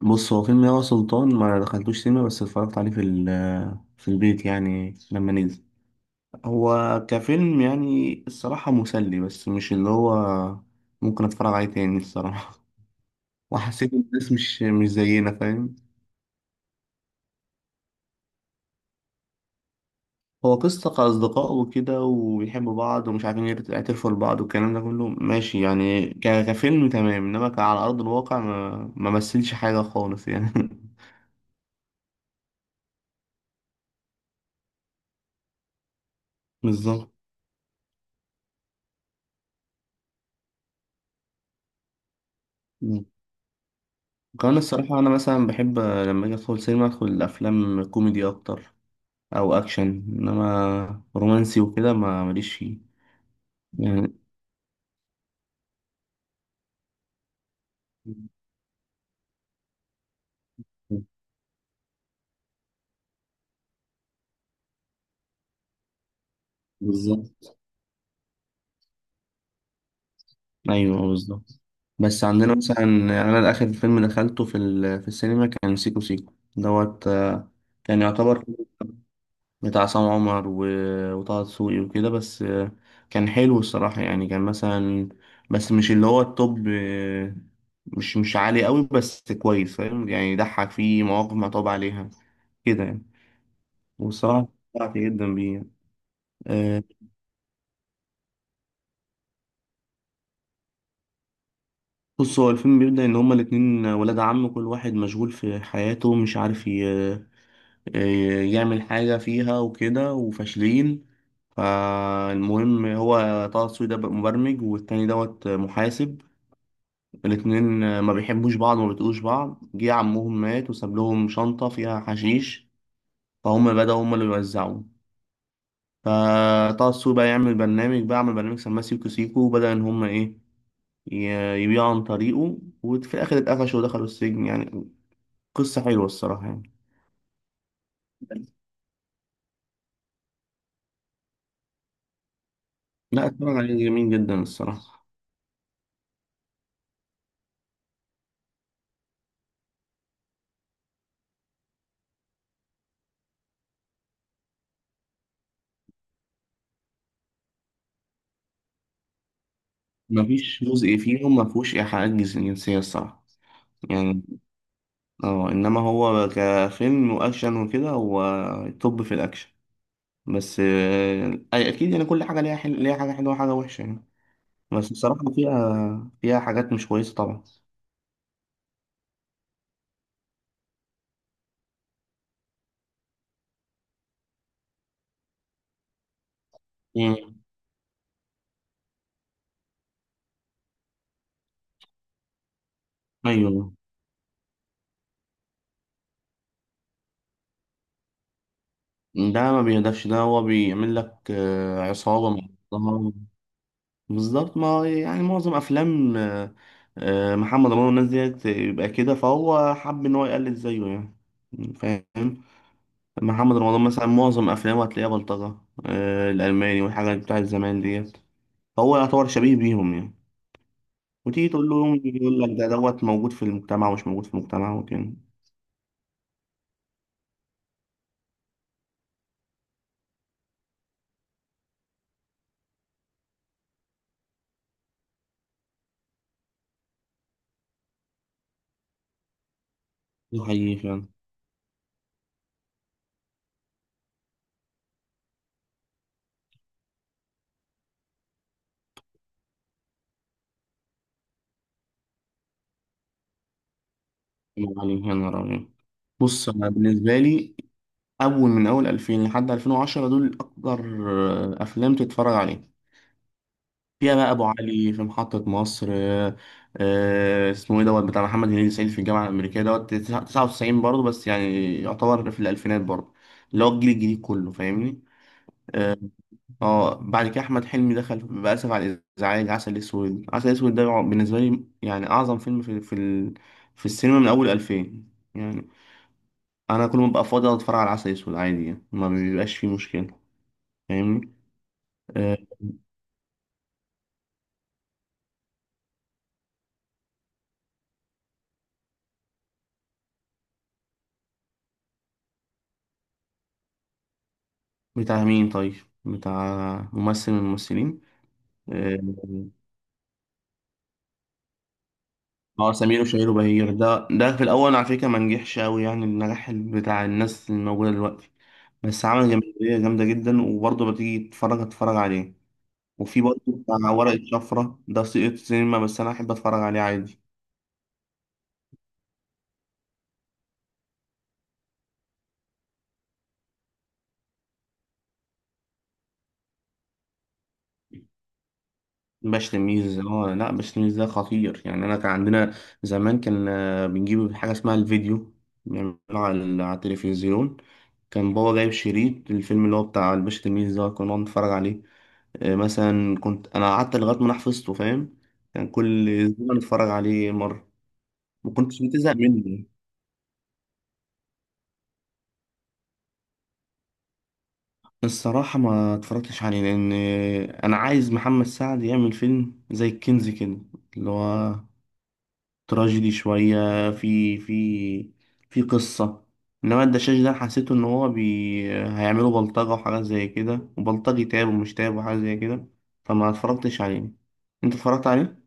بص، هو فيلم ياغا سلطان ما دخلتوش سينما، بس اتفرجت عليه في البيت يعني لما نزل. هو كفيلم يعني الصراحة مسلي، بس مش اللي هو ممكن اتفرج عليه تاني الصراحة. وحسيت ان الناس مش زينا، فاهم. هو قصة كأصدقاء وكده، وبيحبوا بعض ومش عارفين يعترفوا لبعض، والكلام ده كله ماشي يعني كفيلم تمام، انما كعلى أرض الواقع ما مثلش حاجة خالص يعني. بالظبط. كمان الصراحة أنا مثلا بحب لما أجي أدخل سينما أدخل أفلام كوميدي أكتر، أو أكشن، إنما رومانسي وكده ما ماليش فيه يعني. بالظبط، أيوه بالظبط. بس عندنا مثلا، يعني أنا آخر فيلم دخلته في السينما كان سيكو سيكو دوت، كان يعتبر بتاع عصام عمر و... وطه دسوقي وكده بس. كان حلو الصراحة، يعني كان مثلا، بس مش اللي هو التوب. مش عالي قوي، بس كويس، فاهم يعني، يضحك، فيه مواقف متعوب عليها كده يعني. والصراحة استمتعت جدا بيه يعني. آه، بص، هو الفيلم بيبدأ إن هما الاتنين ولاد عم، كل واحد مشغول في حياته، مش عارف يعمل حاجة فيها وكده، وفاشلين. فالمهم، هو طه دسوقي ده مبرمج، والتاني دوت محاسب. الاتنين ما بيحبوش بعض وما بيطيقوش بعض. جه عمهم مات وساب لهم شنطة فيها حشيش، فهم بدأوا هم اللي يوزعوه. فطه السوق بقى يعمل برنامج، بقى عمل برنامج سماه سيكو سيكو، وبدأ إن هم إيه، يبيعوا عن طريقه. وفي الآخر اتقفشوا ودخلوا السجن يعني. قصة حلوة الصراحة يعني. لا، اتفرج عليه، جميل جدا الصراحة. مفيش جزء فيهم مفهوش إيحاءات جنسية الصراحة يعني. اه، انما هو كفيلم واكشن وكده، هو توب في الاكشن. بس، اكيد يعني كل حاجه ليها ليها حاجه حلوه وحاجه وحشه يعني. بس الصراحه فيها فيها حاجات مش كويسه طبعا. مم. ايوه، ده ما بيهدفش، ده هو بيعمل لك عصابه محترمة. بالظبط، ما هو يعني معظم افلام محمد رمضان والناس ديت يبقى كده، فهو حب ان هو يقلد زيه يعني، فاهم. محمد رمضان مثلا معظم افلامه هتلاقيها بلطجه، الالماني والحاجات بتاعت زمان ديت، هو يعتبر شبيه بيهم يعني. وتيجي تقول له يوم يقول لك ده دوت موجود في المجتمع ومش موجود في المجتمع وكده. ده حقيقي فعلا. الله عليك يا نهار أبيض. بص، أنا بالنسبة لي أول من أول 2000 لحد 2010 دول أكتر أفلام تتفرج عليها، فيها بقى أبو علي في محطة مصر، اسمه إيه دوت بتاع محمد هنيدي، سعيد في الجامعة الأمريكية دوت 99 برضه، بس يعني يعتبر في الألفينات برضه، اللي هو الجيل الجديد كله فاهمني. آه، اه بعد كده احمد حلمي دخل، بأسف على الازعاج، عسل اسود. عسل اسود ده بالنسبه لي يعني اعظم فيلم في السينما من اول 2000 يعني. انا كل ما ببقى فاضي أقعد اتفرج على عسل اسود عادي يعني، ما بيبقاش فيه مشكله، فاهمني. آه. بتاع مين طيب، بتاع ممثل من الممثلين؟ اه، سمير وشهير وبهير ده في الاول على فكره ما نجحش قوي يعني النجاح بتاع الناس الموجوده دلوقتي، بس عمل جماهيريه جامده جدا، وبرضه بتيجي تتفرج عليه. وفي برضه بتاع ورقة شفرة، ده سقط سينما، بس أنا أحب أتفرج عليه عادي. باش تلميذ، اه لا، باش تلميذ ده خطير يعني. أنا كان عندنا زمان، كان بنجيب حاجة اسمها الفيديو، بنعمله على على التلفزيون. كان بابا جايب شريط الفيلم اللي هو بتاع الباشا تلميذ ده، كنا بنقعد نتفرج عليه. مثلا كنت أنا قعدت لغاية ما أنا حفظته، فاهم، كان كل أسبوع نتفرج عليه مرة، ما كنتش بتزهق منه. الصراحة ما اتفرجتش عليه، لأن أنا عايز محمد سعد يعمل فيلم زي الكنز كده، اللي هو تراجيدي شوية، في في في قصة. إنما الدشاش ده حسيته إن هيعملوا بلطجة وحاجات زي كده، وبلطجي تاب ومش تاب وحاجات زي كده، فما اتفرجتش عليه. أنت اتفرجت عليه؟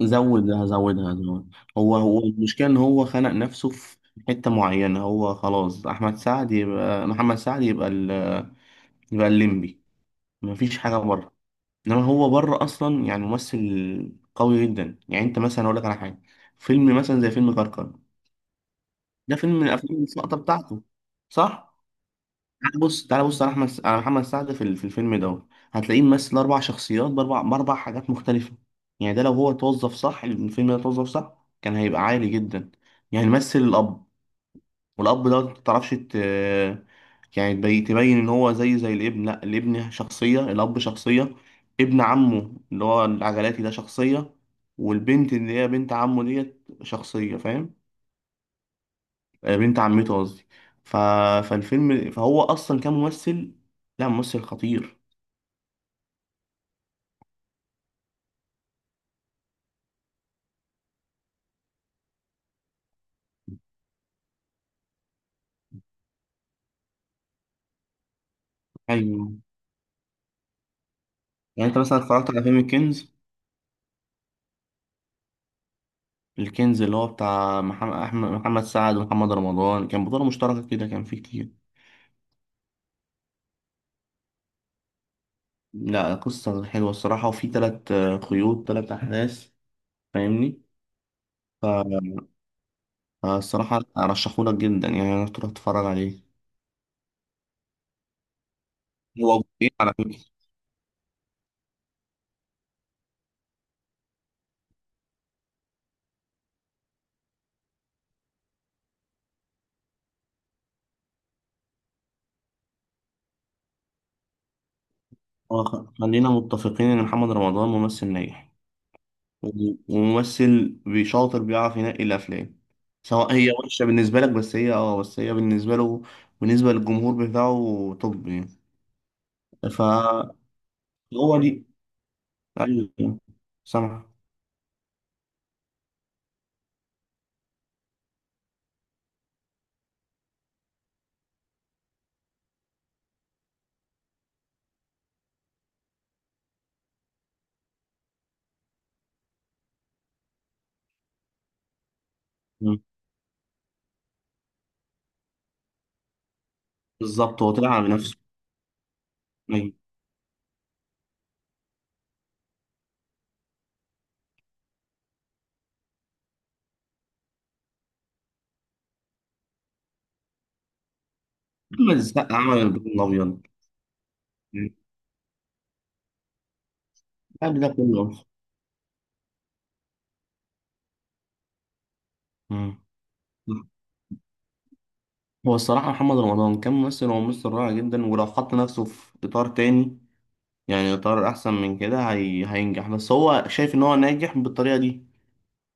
زودها، هزودها زود. هو المشكلة إن هو خنق نفسه في حتة معينة، هو خلاص أحمد سعد يبقى محمد سعد، يبقى الليمبي، مفيش حاجه بره. انما هو بره اصلا يعني ممثل قوي جدا. يعني انت مثلا، اقول لك على حاجه، فيلم مثلا زي فيلم كركر، ده فيلم من الافلام السقطه بتاعته، صح. تعال بص، تعال بص على احمد، على محمد سعد في في الفيلم ده، هتلاقيه ممثل اربع شخصيات باربع حاجات مختلفه يعني. ده لو هو توظف صح، الفيلم ده توظف صح، كان هيبقى عالي جدا يعني. مثل الاب، والأب ده متعرفش يعني تبين إن هو زي الابن. لأ، الابن شخصية، الأب شخصية، ابن عمه اللي هو العجلاتي ده شخصية، والبنت اللي هي بنت عمه ديت شخصية، فاهم. بنت عمته قصدي. ف... فالفيلم، فهو أصلا كان ممثل، لا ممثل خطير. أيوه، يعني أنت مثلا اتفرجت على فيلم الكنز؟ الكنز اللي هو بتاع محمد أحمد، محمد سعد ومحمد رمضان، كان بطولة مشتركة كده، كان فيه كتير. لا، قصة حلوة الصراحة، وفي تلات قيود، تلات أحداث، فاهمني. فالصراحة أرشحهولك جدا يعني، إنك تروح تتفرج عليه. هو جزئين على فكرة. خلينا متفقين إن محمد رمضان ممثل ناجح، وممثل بيشاطر، بيعرف ينقي الأفلام. سواء هي وحشة بالنسبة لك، بس هي اه، بس هي بالنسبة له، بالنسبة للجمهور بتاعه توب يعني. فهو دي، أيوه، سامع. مم. بالظبط، هو طلع على نفسه. محمد السقا عمل الابيض، الابيض قبل ده كله. مم. هو الصراحه محمد رمضان كان ممثل، وممثل رائع جدا، ولو حط نفسه في اطار تاني، يعني اطار احسن من كده، هينجح، بس هو شايف ان هو ناجح بالطريقه دي.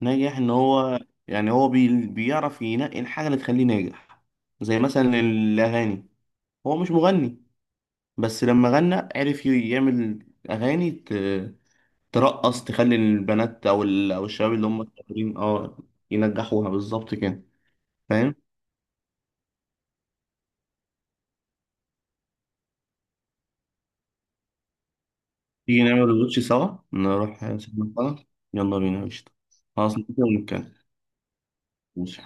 ناجح ان هو، يعني بيعرف ينقي الحاجه اللي تخليه ناجح، زي مثلا الاغاني. هو مش مغني، بس لما غنى عرف يعمل اغاني ترقص، تخلي البنات او الشباب اللي هم الصغيرين اه ينجحوها، بالظبط كده، فاهم. تيجي نعمل الوش سوا، نروح سينما سوا. يلا بينا، قشطة. خلاص نتفق ونتكلم. ماشي.